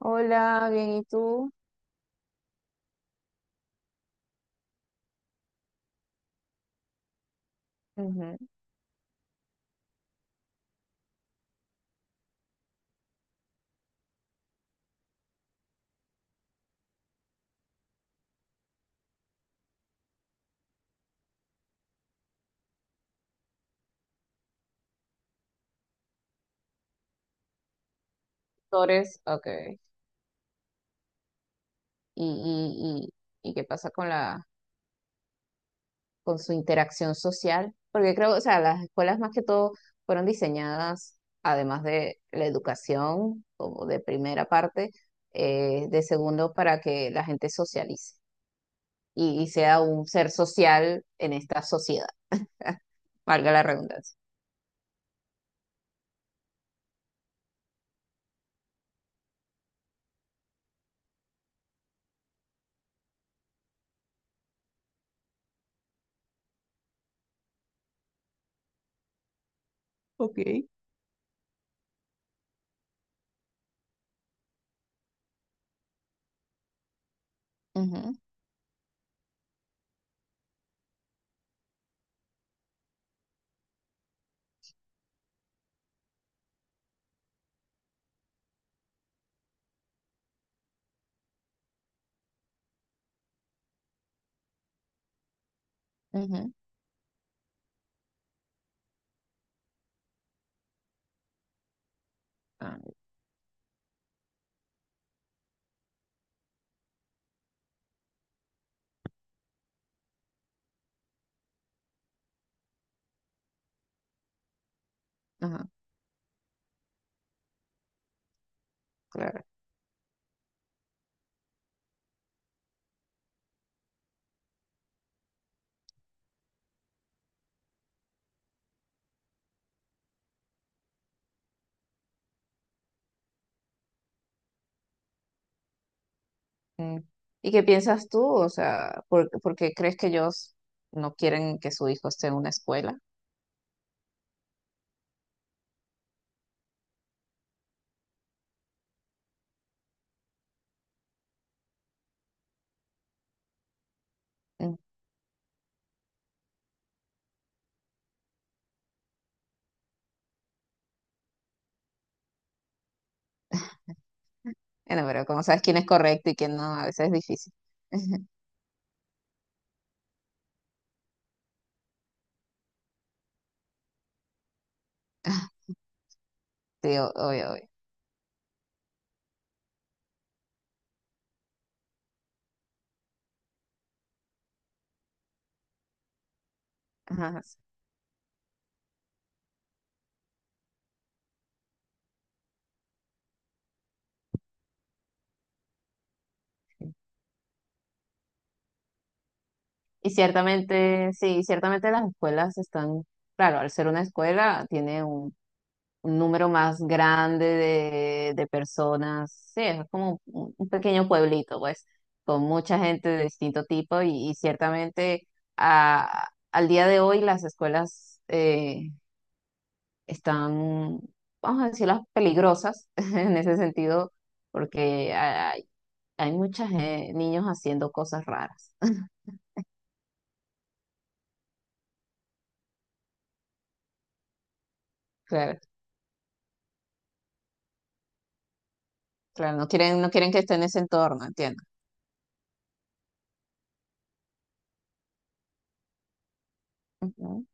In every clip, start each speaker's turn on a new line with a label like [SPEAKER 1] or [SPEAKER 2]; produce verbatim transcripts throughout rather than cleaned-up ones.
[SPEAKER 1] Hola, bien, ¿y tú? Ujú. Torres, ok. ¿Y, y, y, y qué pasa con la, con su interacción social? Porque creo, o sea, las escuelas más que todo fueron diseñadas, además de la educación, como de primera parte, eh, de segundo, para que la gente socialice y, y sea un ser social en esta sociedad, valga la redundancia. Ok. Ujú, ujú. Ah, ajá, claro. Mm. ¿Y qué piensas tú? O sea, ¿por, por qué crees que ellos no quieren que su hijo esté en una escuela? Mm. Bueno, pero como sabes quién es correcto y quién no, a veces es difícil. Sí, o- obvio, obvio. Ajá, sí. Y ciertamente, sí, ciertamente las escuelas están, claro, al ser una escuela tiene un un número más grande de, de personas. Sí, es como un un pequeño pueblito, pues, con mucha gente de distinto tipo y, y ciertamente a- al día de hoy las escuelas eh, están, vamos a decirlas, peligrosas en ese sentido, porque hay, hay muchos niños haciendo cosas raras. Claro, claro, no quieren, no quieren que esté en ese entorno, entiendo. Ujú.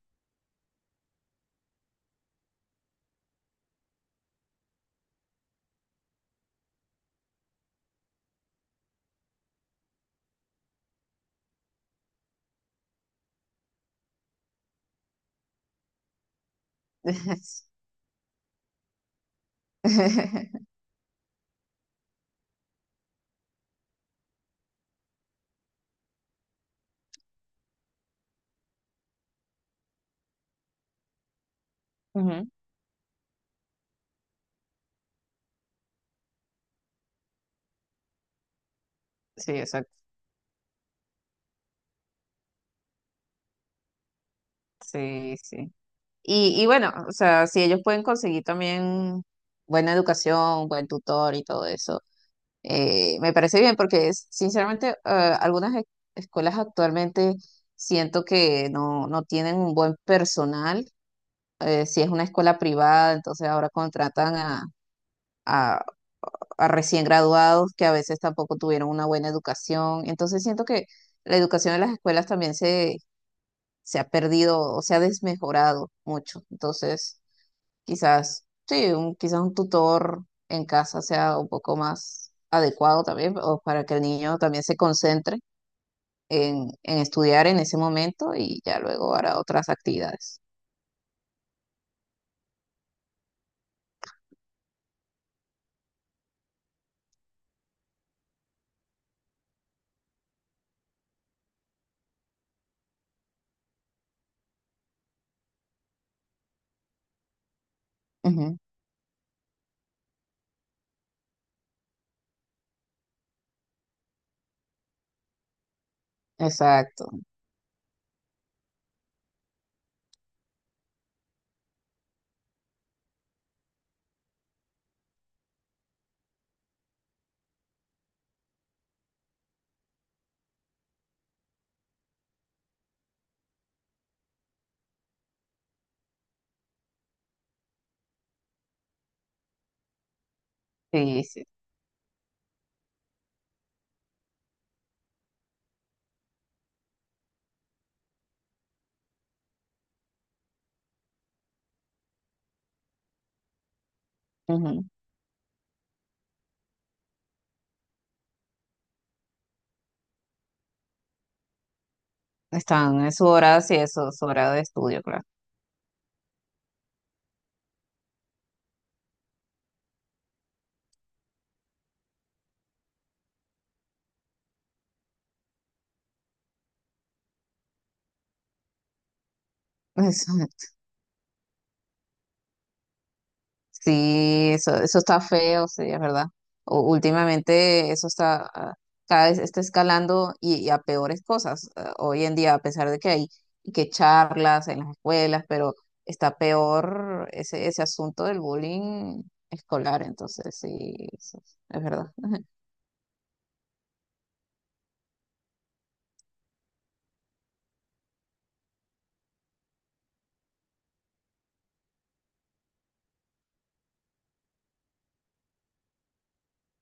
[SPEAKER 1] Ujú, sí, exacto. Sí, sí. Y, y bueno, o sea, si ellos pueden conseguir también buena educación, buen tutor y todo eso, eh, me parece bien porque es- sinceramente eh, algunas e- escuelas actualmente siento que no, no tienen un buen personal. Eh, si es una escuela privada, entonces ahora contratan a, a, a recién graduados que a veces tampoco tuvieron una buena educación. Entonces siento que la educación en las escuelas también se, se ha perdido o se ha desmejorado mucho. Entonces... Quizás, sí, un, quizás un tutor en casa sea un poco más adecuado también, o para que el niño también se concentre en, en estudiar en ese momento y ya luego hará otras actividades. Ujú, exacto, sí, sí. Ujú. Están en su hora, sí, eso, su hora de estudio, claro. Sí, eso, eso está feo, sí, es verdad. U- últimamente eso está, ah, cada vez está escalando y, y a peores cosas. Ah, hoy en día, a pesar de que hay y que charlas en las escuelas, pero está peor ese, ese asunto del bullying escolar, entonces sí, eso es es verdad.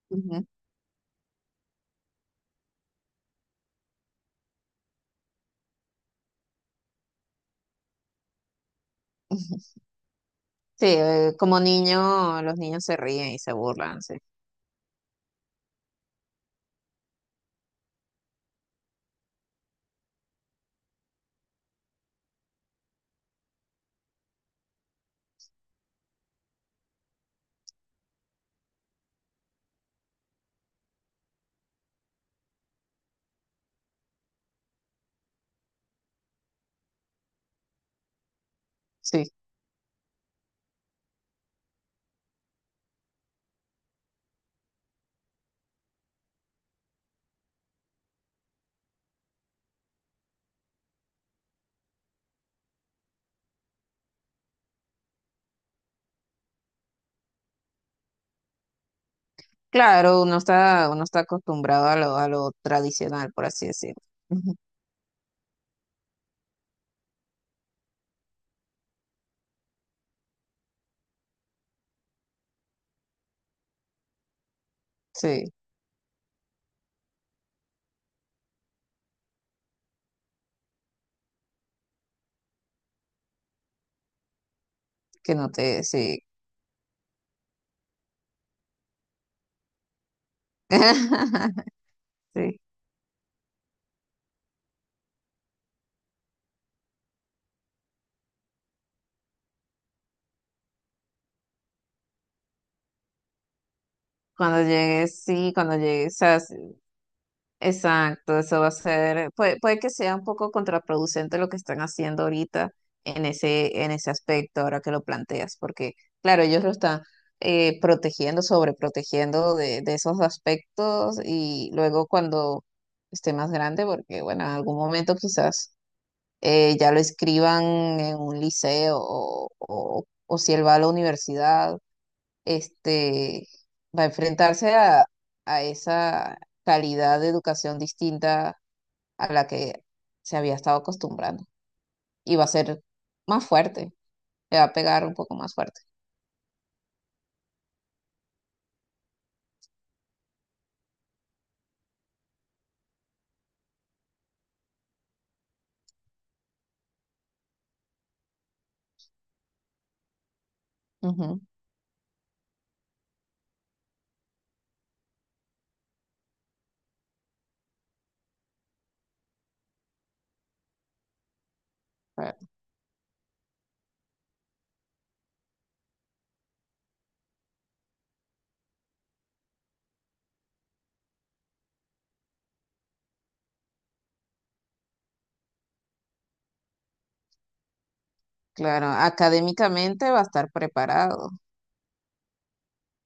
[SPEAKER 1] Ujú. Sí, eh, como niño, los niños se ríen y se burlan, sí. Sí, claro, uno está, uno está acostumbrado a lo, a lo tradicional, por así decirlo. Ujú. Sí. que no te, Sí. Sí. Cuando llegues, sí, cuando llegues, a- exacto, eso va a ser, puede, puede que sea un poco contraproducente lo que están haciendo ahorita en ese, en ese aspecto, ahora que lo planteas, porque claro, ellos lo están eh, protegiendo, sobreprotegiendo de, de esos aspectos y luego cuando esté más grande, porque bueno, en algún momento quizás eh, ya lo escriban en un liceo o, o o si él va a la universidad este, va a enfrentarse a, a esa calidad de educación distinta a la que se había estado acostumbrando y va a ser más fuerte, le va a pegar un poco más fuerte. Ujú, claro, claro, académicamente va a estar preparado,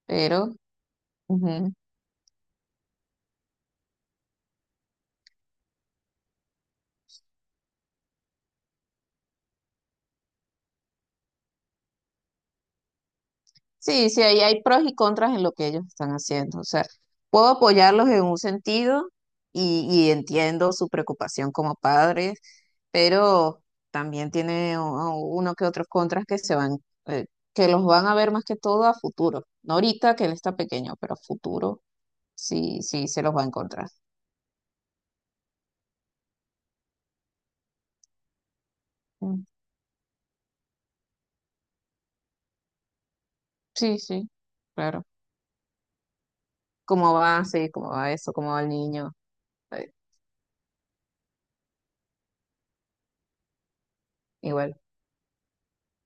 [SPEAKER 1] pero ujú, sí, sí, ahí hay pros y contras en lo que ellos están haciendo. O sea, puedo apoyarlos en un sentido y, y entiendo su preocupación como padres, pero también tiene u- uno que otros contras que se van, eh, que los van a ver más que todo a futuro. No ahorita que él está pequeño, pero a futuro sí, sí se los va a encontrar. Mm, sí, sí, claro. ¿Cómo va? Sí, cómo va eso, cómo va el niño. Eh, igual.